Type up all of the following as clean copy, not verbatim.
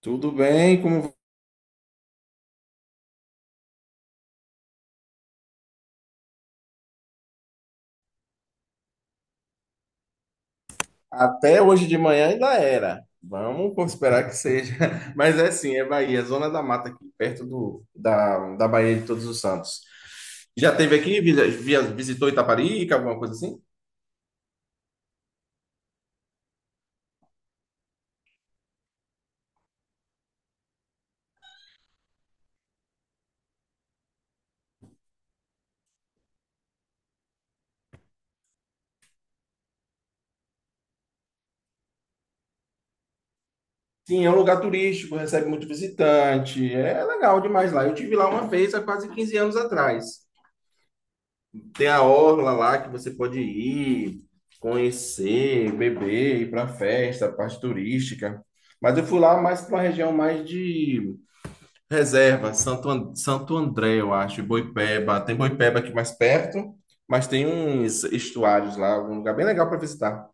Tudo bem, como até hoje de manhã ainda era. Vamos esperar que seja. Mas é sim, é Bahia, Zona da Mata aqui, perto do, da Bahia de Todos os Santos. Já teve aqui, visitou Itaparica, alguma coisa assim? Sim, é um lugar turístico, recebe muito visitante. É legal demais lá. Eu tive lá uma vez há quase 15 anos atrás. Tem a orla lá que você pode ir, conhecer, beber, ir para festa, parte turística. Mas eu fui lá mais para uma região mais de Reserva, Santo, Santo André, eu acho, e Boipeba. Tem Boipeba aqui mais perto, mas tem uns estuários lá, um lugar bem legal para visitar.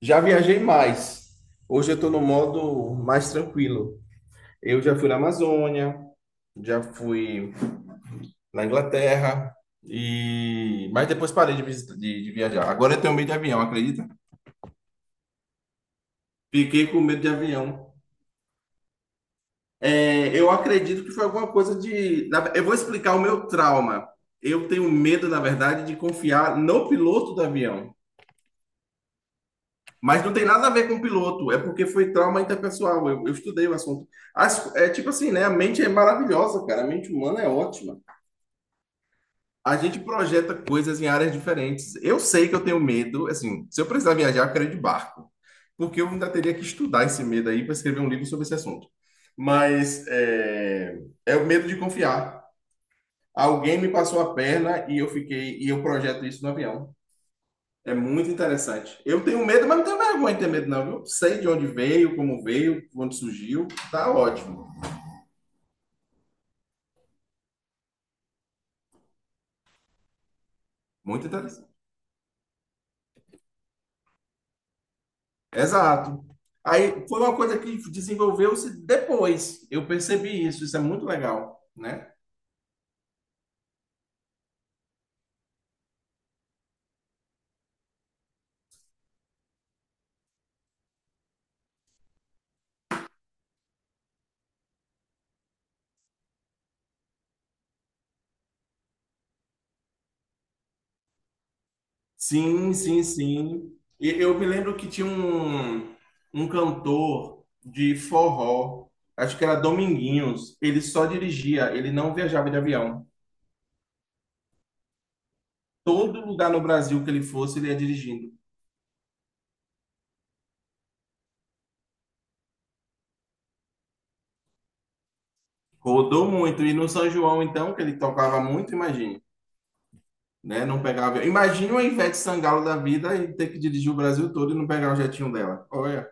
Já viajei mais. Hoje eu estou no modo mais tranquilo. Eu já fui na Amazônia, já fui na Inglaterra, e mas depois parei de viajar. Agora eu tenho medo de avião, acredita? Fiquei com medo de avião. É, eu acredito que foi alguma coisa. Eu vou explicar o meu trauma. Eu tenho medo, na verdade, de confiar no piloto do avião. Mas não tem nada a ver com o piloto, é porque foi trauma interpessoal. Eu estudei o assunto. É tipo assim, né? A mente é maravilhosa, cara. A mente humana é ótima. A gente projeta coisas em áreas diferentes. Eu sei que eu tenho medo, assim, se eu precisar viajar, eu quero ir de barco. Porque eu ainda teria que estudar esse medo aí para escrever um livro sobre esse assunto. Mas é o medo de confiar. Alguém me passou a perna e eu fiquei e eu projeto isso no avião. É muito interessante. Eu tenho medo, mas não tenho vergonha de ter medo, não. Eu sei de onde veio, como veio, onde surgiu. Tá ótimo. Muito interessante. Exato. Aí foi uma coisa que desenvolveu-se depois. Eu percebi isso. Isso é muito legal, né? Sim, sim, sim. E eu me lembro que tinha um cantor de forró, acho que era Dominguinhos. Ele só dirigia, ele não viajava de avião. Todo lugar no Brasil que ele fosse, ele ia dirigindo. Rodou muito. E no São João, então, que ele tocava muito, imagine. Né? Não pegava. Imagina uma Ivete Sangalo da vida e ter que dirigir o Brasil todo e não pegar o jetinho dela. Olha.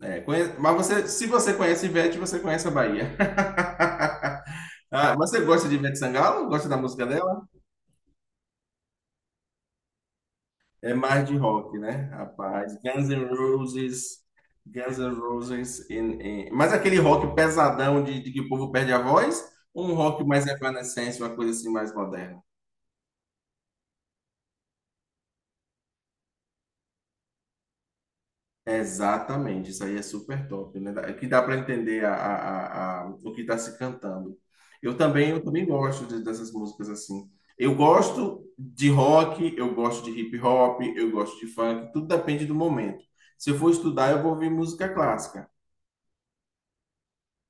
É, mas você, se você conhece Ivete, você conhece a Bahia. Ah, você gosta de Ivete Sangalo? Gosta da música dela? É mais de rock, né, rapaz? Guns N' Roses, Guns N' Roses, mas aquele rock pesadão de que o povo perde a voz, ou um rock mais evanescente, uma coisa assim mais moderna? Exatamente, isso aí é super top, né? Que dá para entender o que está se cantando. Eu também gosto dessas músicas assim. Eu gosto de rock, eu gosto de hip hop, eu gosto de funk, tudo depende do momento. Se eu for estudar, eu vou ouvir música clássica.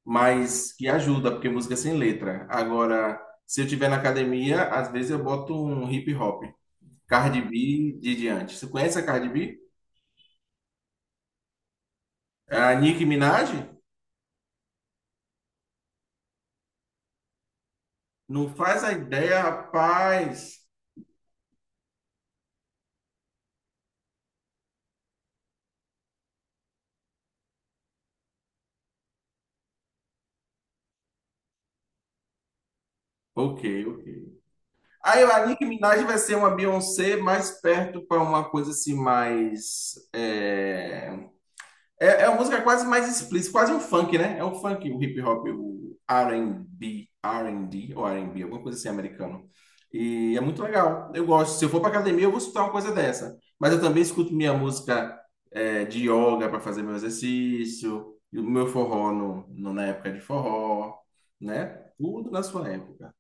Mas que ajuda, porque música é sem letra. Agora, se eu estiver na academia, às vezes eu boto um hip hop. Cardi B de diante. Você conhece a Cardi B? A Nicki Minaj? Não faz a ideia, rapaz. Ok, ok. Aí a Nicki Minaj vai ser uma Beyoncé mais perto para uma coisa assim, mais. É uma música quase mais explícita, quase um funk, né? É um funk, o hip hop, o R&B, R&D ou R&B, alguma coisa assim americano. E é muito legal. Eu gosto. Se eu for para academia, eu vou escutar uma coisa dessa. Mas eu também escuto minha música de yoga para fazer meu exercício, e o meu forró na época de forró, né? Tudo na sua época.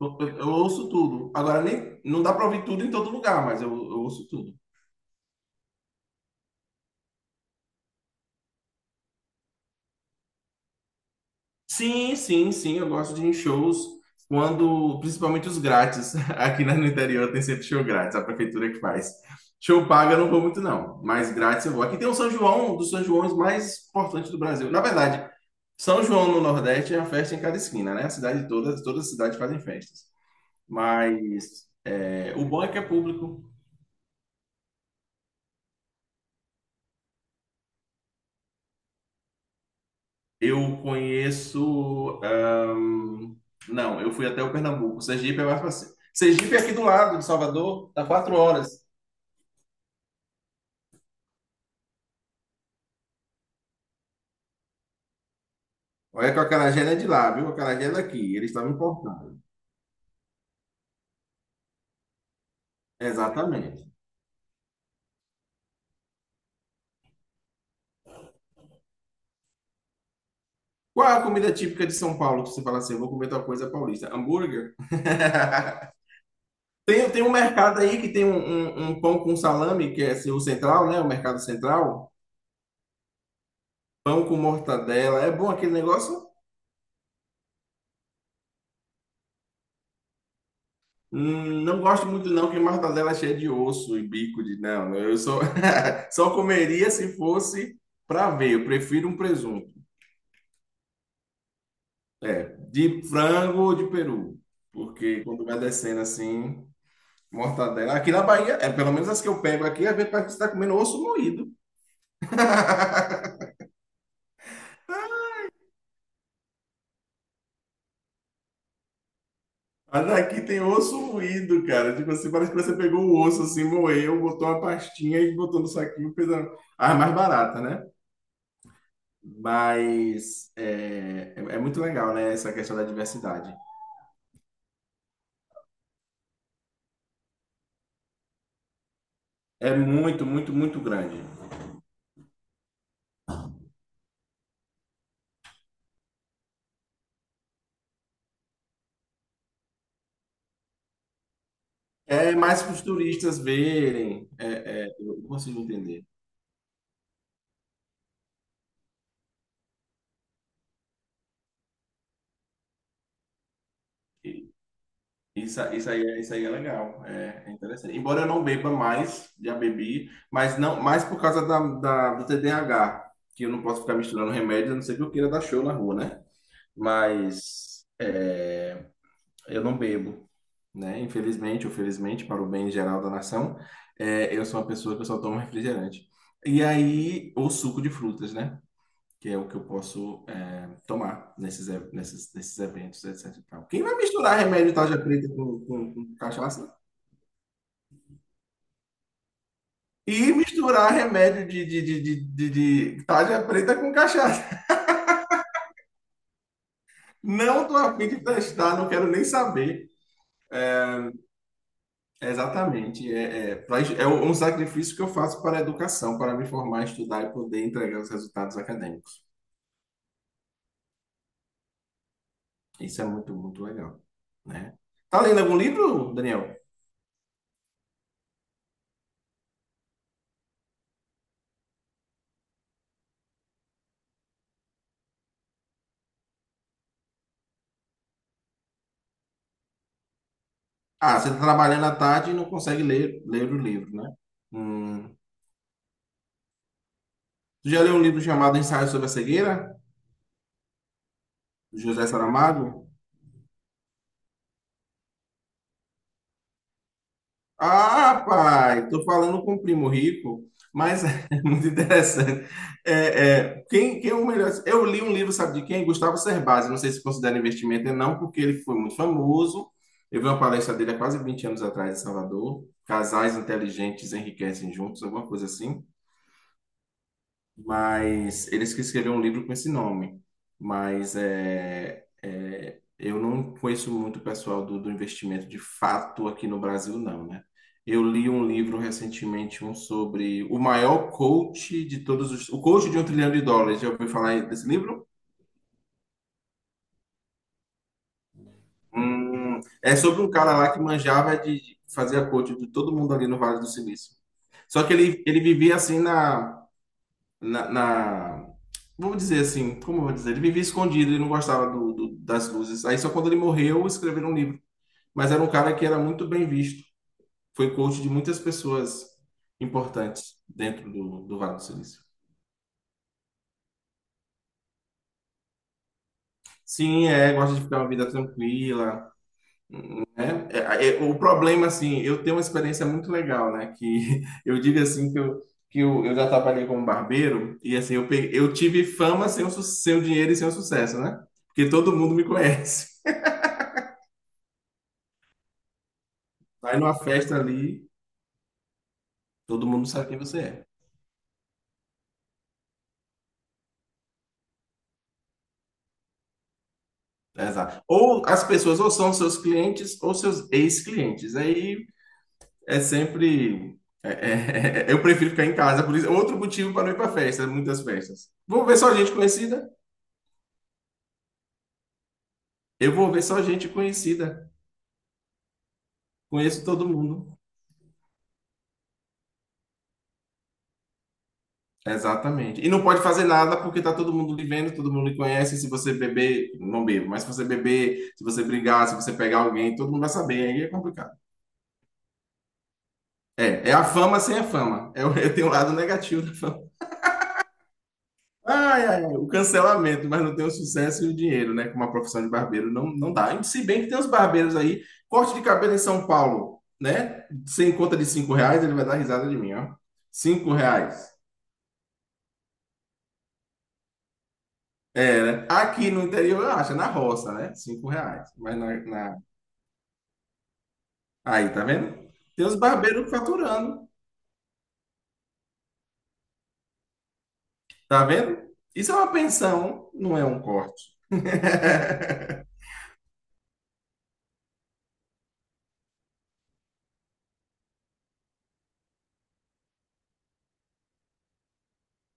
Eu ouço tudo. Agora nem não dá para ouvir tudo em todo lugar, mas eu ouço tudo. Sim, sim, sim, eu gosto de ir em shows quando, principalmente os grátis. Aqui no interior tem sempre show grátis, a prefeitura que faz. Show paga eu não vou muito não, mas grátis eu vou. Aqui tem o São João, um dos São Joões mais importantes do Brasil. Na verdade, São João no Nordeste é uma festa em cada esquina, né? A cidade toda, todas as cidades fazem festas. Mas é, o bom é que é público. Eu conheço, não, eu fui até o Pernambuco. Sergipe é mais fácil. Sergipe é aqui do lado de Salvador, dá 4 horas. Olha que o acarajé não é de lá, viu? O acarajé é daqui. Eles estavam importando. Exatamente. Qual é a comida típica de São Paulo que você fala assim, eu vou comer tal coisa paulista? Hambúrguer? Tem um mercado aí que tem um pão com salame, que é assim, o central, né? O mercado central. Pão com mortadela. É bom aquele negócio? Não gosto muito não, que mortadela é cheia de osso e bico de... Não, só comeria se fosse para ver. Eu prefiro um presunto. De frango ou de peru? Porque quando vai descendo assim, mortadela. Aqui na Bahia, é pelo menos as que eu pego aqui, a gente parece que você tá comendo osso moído. Mas aqui tem osso moído, cara. Tipo assim, parece que você pegou o osso assim, moeu, botou uma pastinha e botou no saquinho, fez a mais barata, né? Mas é muito legal, né? Essa questão da diversidade. É muito, muito, muito grande. É mais para os turistas verem. É, eu consigo entender. Isso aí é legal, é interessante. Embora eu não beba mais, já bebi, mas não, mais por causa da, do TDAH, que eu não posso ficar misturando remédios, a não ser que eu queira dar show na rua, né? Mas é, eu não bebo, né? Infelizmente, ou felizmente, para o bem geral da nação, eu sou uma pessoa que eu só tomo refrigerante. E aí, ou suco de frutas, né? Que é o que eu posso tomar nesses eventos, etc. e tal. Quem vai misturar remédio tarja preta com cachaça? E misturar remédio de tarja preta com cachaça. Não estou a fim de testar, não quero nem saber. Exatamente. É um sacrifício que eu faço para a educação, para me formar, estudar e poder entregar os resultados acadêmicos. Isso é muito, muito, legal, né? Tá lendo algum livro, Daniel? Ah, você está trabalhando à tarde e não consegue ler o livro, né? Hum. Tu já leu um livro chamado Ensaio sobre a Cegueira, do José Saramago? Ah, pai, tô falando com o primo rico, mas é muito interessante. É, quem é o melhor? Eu li um livro, sabe de quem? Gustavo Cerbasi. Não sei se considera investimento ou não, porque ele foi muito famoso. Eu vi uma palestra dele há quase 20 anos atrás em Salvador. Casais inteligentes enriquecem juntos, alguma coisa assim. Mas eles que escreveram um livro com esse nome. Mas é, eu não conheço muito o pessoal do investimento de fato aqui no Brasil, não, né? Eu li um livro recentemente, um sobre o maior coach de todos os... O coach de 1 trilhão de dólares. Já ouviu falar desse livro? É sobre um cara lá que manjava de fazer a coach de todo mundo ali no Vale do Silício. Só que ele vivia assim na, na- vamos dizer assim, como eu vou dizer? Ele vivia escondido, ele não gostava das luzes. Aí só quando ele morreu, escreveram um livro. Mas era um cara que era muito bem visto. Foi coach de muitas pessoas importantes dentro do Vale do Silício. Sim, gosta de ficar uma vida tranquila, né? É, o problema, assim, eu tenho uma experiência muito legal, né? Que eu digo assim que eu já trabalhei como barbeiro e assim, eu tive fama sem sem o dinheiro e sem o sucesso, né? Porque todo mundo me conhece. Vai numa festa ali, todo mundo sabe quem você é. É, exato. Ou as pessoas ou são seus clientes ou seus ex-clientes. Aí é sempre. Eu prefiro ficar em casa, por isso. Outro motivo para não ir para festa, né, muitas festas. Vou ver só gente conhecida. Eu vou ver só gente conhecida. Conheço todo mundo. Exatamente. E não pode fazer nada porque tá todo mundo lhe vendo, todo mundo lhe conhece. Se você beber, não bebo, mas se você beber, se você brigar, se você pegar alguém, todo mundo vai saber. Aí é complicado. É, é a fama sem a fama. É, tem um lado negativo da fama. Ai, ai, ai, o cancelamento, mas não tem o sucesso e o dinheiro, né? Como a profissão de barbeiro não, não dá. E se bem que tem os barbeiros aí, corte de cabelo em São Paulo, né? Sem conta de R$ 5, ele vai dar risada de mim, ó. R$ 5. É, né? Aqui no interior, eu acho, é na roça, né? R$ 5. Mas aí, tá vendo? Tem os barbeiros faturando, tá vendo? Isso é uma pensão, não é um corte.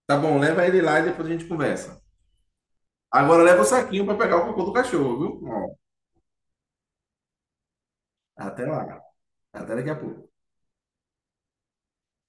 Tá bom, leva ele lá e depois a gente conversa. Agora leva o saquinho para pegar o cocô do cachorro, viu? Ó, até lá. Até daqui a pouco.